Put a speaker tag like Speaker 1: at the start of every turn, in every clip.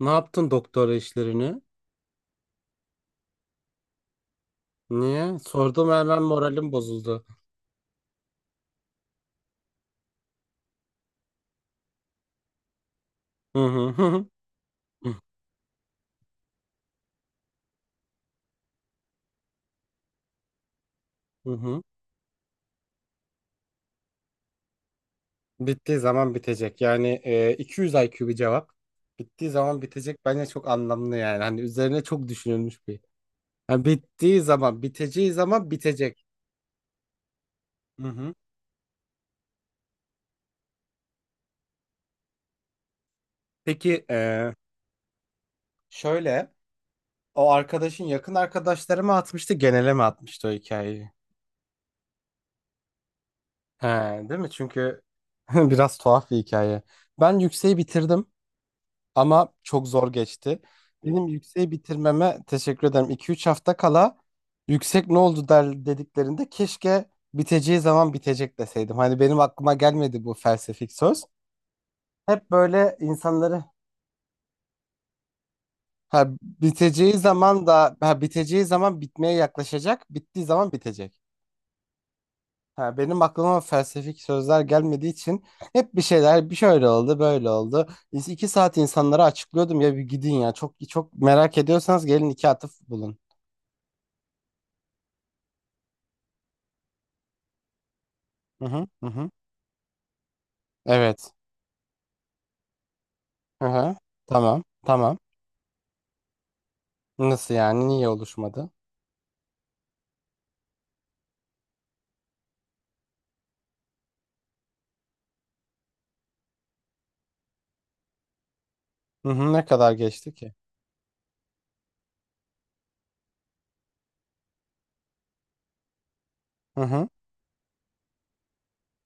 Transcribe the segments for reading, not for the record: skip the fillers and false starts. Speaker 1: Ne yaptın doktora işlerini? Niye? Sordum hemen moralim bozuldu. Hı hı hı hı. Hı hı. Bittiği zaman bitecek. Yani, 200 IQ bir cevap. Bittiği zaman bitecek bence çok anlamlı yani. Hani üzerine çok düşünülmüş bir. Yani bittiği zaman, biteceği zaman bitecek. Hı hı. Peki, şöyle o arkadaşın yakın arkadaşları mı atmıştı, genele mi atmıştı o hikayeyi? He, değil mi? Çünkü biraz tuhaf bir hikaye. Ben yükseği bitirdim. Ama çok zor geçti. Benim yükseği bitirmeme teşekkür ederim. 2-3 hafta kala yüksek ne oldu der dediklerinde keşke biteceği zaman bitecek deseydim. Hani benim aklıma gelmedi bu felsefik söz. Hep böyle insanları, ha, biteceği zaman da ha, biteceği zaman bitmeye yaklaşacak, bittiği zaman bitecek. Ha, benim aklıma felsefik sözler gelmediği için hep bir şeyler bir şöyle oldu, böyle oldu. 2 saat insanlara açıklıyordum ya bir gidin ya çok çok merak ediyorsanız gelin iki atıf bulun. Hı hı hı hı. Evet. Hı hı. Tamam. Tamam. Nasıl yani? Niye oluşmadı? Hı hı. Ne kadar geçti ki? Hı hı.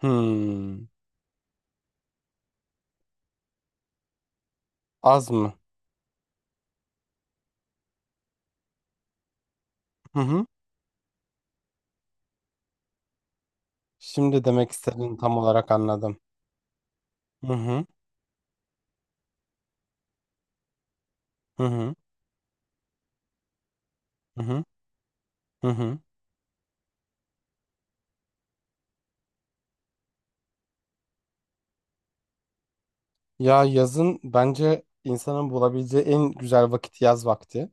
Speaker 1: Hmm. Az mı? Hı hı. Şimdi demek istediğini tam olarak anladım. Hı hı. Hı hı. Hı hı. Hı hı. Ya yazın bence insanın bulabileceği en güzel vakit yaz vakti.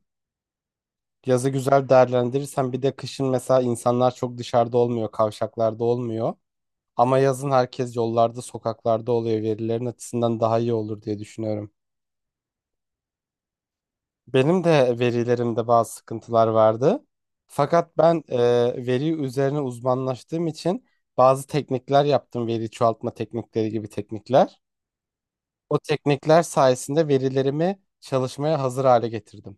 Speaker 1: Yazı güzel değerlendirirsen bir de kışın mesela insanlar çok dışarıda olmuyor, kavşaklarda olmuyor. Ama yazın herkes yollarda, sokaklarda oluyor. Verilerin açısından daha iyi olur diye düşünüyorum. Benim de verilerimde bazı sıkıntılar vardı. Fakat ben veri üzerine uzmanlaştığım için bazı teknikler yaptım. Veri çoğaltma teknikleri gibi teknikler. O teknikler sayesinde verilerimi çalışmaya hazır hale getirdim.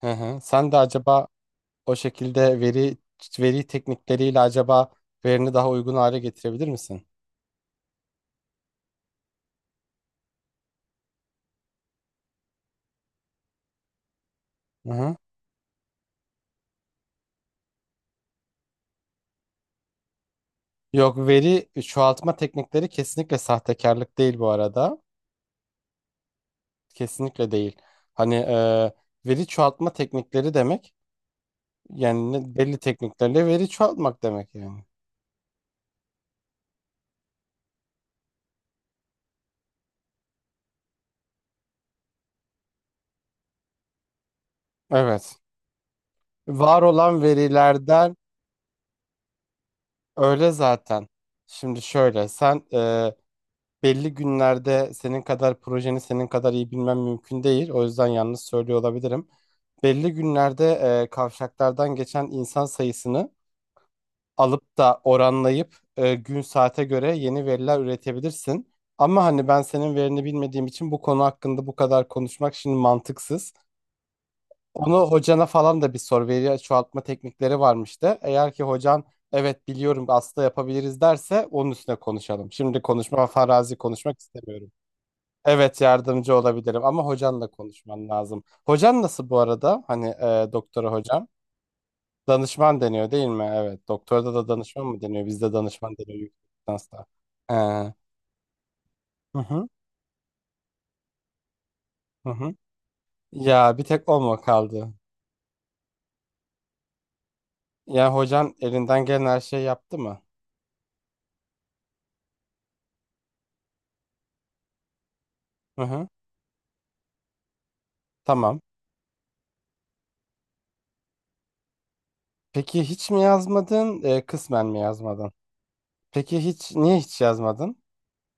Speaker 1: Hı hı. Sen de acaba o şekilde veri teknikleriyle acaba verini daha uygun hale getirebilir misin? Hı hı. Yok veri, çoğaltma teknikleri kesinlikle sahtekarlık değil bu arada. Kesinlikle değil. Hani, veri çoğaltma teknikleri demek yani belli tekniklerle veri çoğaltmak demek yani. Evet. Var olan verilerden öyle zaten. Şimdi şöyle sen, belli günlerde senin kadar projeni senin kadar iyi bilmem mümkün değil. O yüzden yalnız söylüyor olabilirim. Belli günlerde kavşaklardan geçen insan sayısını alıp da oranlayıp, gün saate göre yeni veriler üretebilirsin. Ama hani ben senin verini bilmediğim için bu konu hakkında bu kadar konuşmak şimdi mantıksız. Onu hocana falan da bir sor. Veri çoğaltma teknikleri varmış da. Eğer ki hocan evet biliyorum aslında yapabiliriz derse onun üstüne konuşalım. Şimdi konuşma farazi konuşmak istemiyorum. Evet yardımcı olabilirim ama hocanla konuşman lazım. Hocan nasıl bu arada? Hani, doktora hocam? Danışman deniyor değil mi? Evet. Doktorda da danışman mı deniyor? Bizde danışman deniyor yüksek lisansta. Hı hı, hı hı. Ya bir tek o mu kaldı? Ya hocan elinden gelen her şeyi yaptı mı? Hı hı. Tamam. Peki hiç mi yazmadın? Kısmen mi yazmadın? Peki hiç niye hiç yazmadın?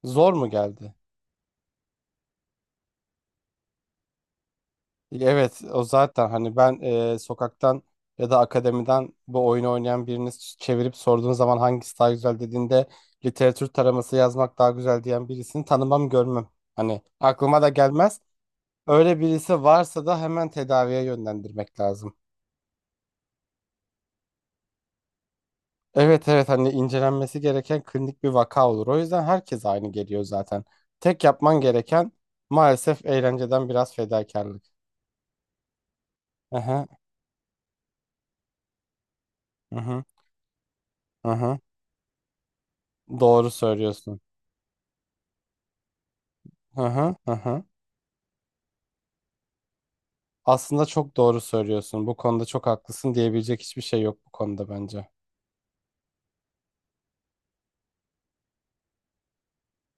Speaker 1: Zor mu geldi? Evet o zaten hani ben, sokaktan ya da akademiden bu oyunu oynayan birini çevirip sorduğun zaman hangisi daha güzel dediğinde literatür taraması yazmak daha güzel diyen birisini tanımam görmem. Hani aklıma da gelmez. Öyle birisi varsa da hemen tedaviye yönlendirmek lazım. Evet evet hani incelenmesi gereken klinik bir vaka olur. O yüzden herkes aynı geliyor zaten. Tek yapman gereken maalesef eğlenceden biraz fedakarlık. Aha, aha, aha. Doğru söylüyorsun. Aha, aha. Aslında çok doğru söylüyorsun. Bu konuda çok haklısın diyebilecek hiçbir şey yok bu konuda bence.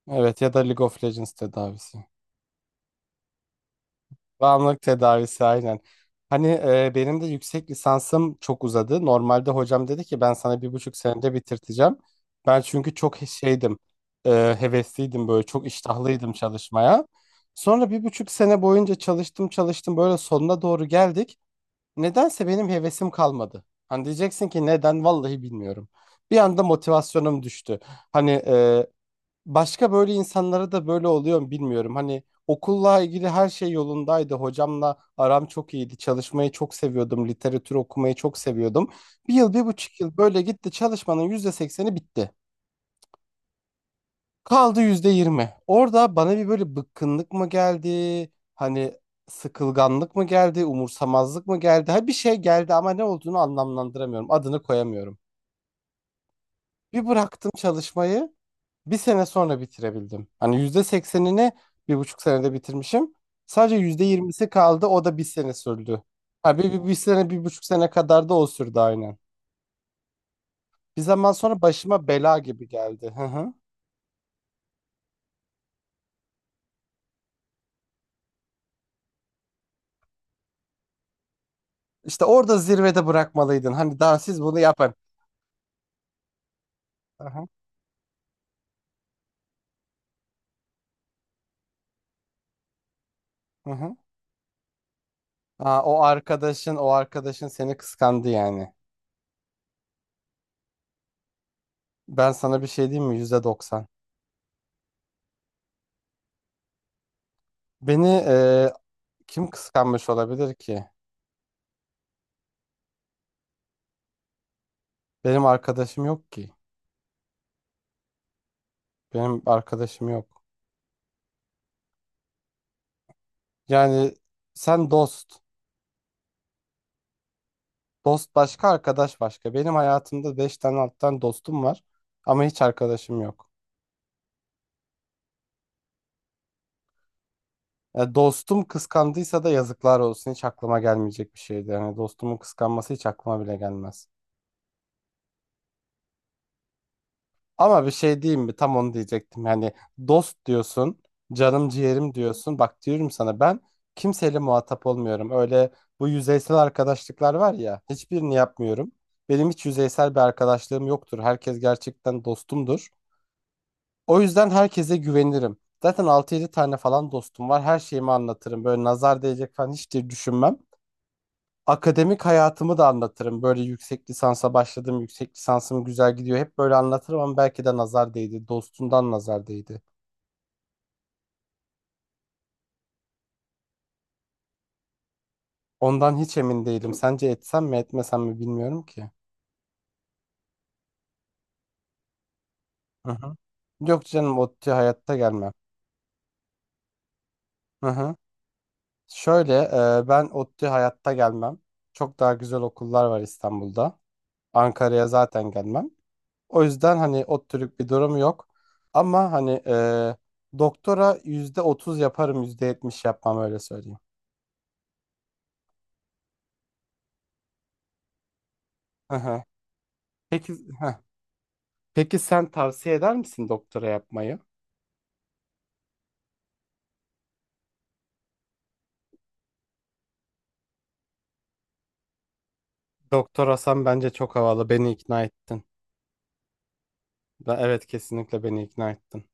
Speaker 1: Evet ya da League of Legends tedavisi. Bağımlılık tedavisi aynen. Hani, benim de yüksek lisansım çok uzadı. Normalde hocam dedi ki ben sana 1,5 senede bitirteceğim. Ben çünkü çok şeydim, hevesliydim böyle çok iştahlıydım çalışmaya. Sonra 1,5 sene boyunca çalıştım çalıştım böyle sonuna doğru geldik. Nedense benim hevesim kalmadı. Hani diyeceksin ki neden? Vallahi bilmiyorum. Bir anda motivasyonum düştü. Hani, başka böyle insanlara da böyle oluyor mu bilmiyorum. Hani okulla ilgili her şey yolundaydı. Hocamla aram çok iyiydi. Çalışmayı çok seviyordum. Literatür okumayı çok seviyordum. 1 yıl, 1,5 yıl böyle gitti. Çalışmanın %80'i bitti. Kaldı %20. Orada bana bir böyle bıkkınlık mı geldi? Hani sıkılganlık mı geldi? Umursamazlık mı geldi? Ha bir şey geldi ama ne olduğunu anlamlandıramıyorum. Adını koyamıyorum. Bir bıraktım çalışmayı. Bir sene sonra bitirebildim. Hani %80'ini 1,5 senede bitirmişim. Sadece %20'si kaldı. O da bir sene sürdü. Ha bir sene, 1,5 sene kadar da o sürdü aynen. Bir zaman sonra başıma bela gibi geldi. Hı hı. İşte orada zirvede bırakmalıydın. Hani daha siz bunu yapın. Hı hı. Hı hı. Aa, o arkadaşın seni kıskandı yani. Ben sana bir şey diyeyim mi? %90. Beni kim kıskanmış olabilir ki? Benim arkadaşım yok ki. Benim arkadaşım yok. Yani sen dost. Dost başka, arkadaş başka. Benim hayatımda beş tane alttan dostum var. Ama hiç arkadaşım yok. Ya dostum kıskandıysa da yazıklar olsun. Hiç aklıma gelmeyecek bir şeydi. Yani dostumun kıskanması hiç aklıma bile gelmez. Ama bir şey diyeyim mi? Tam onu diyecektim. Yani dost diyorsun, canım ciğerim diyorsun. Bak diyorum sana ben kimseyle muhatap olmuyorum. Öyle bu yüzeysel arkadaşlıklar var ya, hiçbirini yapmıyorum. Benim hiç yüzeysel bir arkadaşlığım yoktur. Herkes gerçekten dostumdur. O yüzden herkese güvenirim. Zaten altı yedi tane falan dostum var. Her şeyimi anlatırım. Böyle nazar değecek falan hiç de düşünmem akademik hayatımı da anlatırım. Böyle yüksek lisansa başladım. Yüksek lisansım güzel gidiyor. Hep böyle anlatırım ama belki de nazar değdi. Dostumdan nazar değdi. Ondan hiç emin değilim. Sence etsem mi etmesem mi bilmiyorum ki. Hı hı. Yok canım ODTÜ hayatta gelmem. Hı hı. Şöyle, ben ODTÜ hayatta gelmem. Çok daha güzel okullar var İstanbul'da. Ankara'ya zaten gelmem. O yüzden hani ODTÜ'lük bir durum yok. Ama hani, doktora %30 yaparım %70 yapmam öyle söyleyeyim. Peki, heh. Peki sen tavsiye eder misin doktora yapmayı? Doktor Hasan bence çok havalı. Beni ikna ettin. Da, evet kesinlikle beni ikna ettin.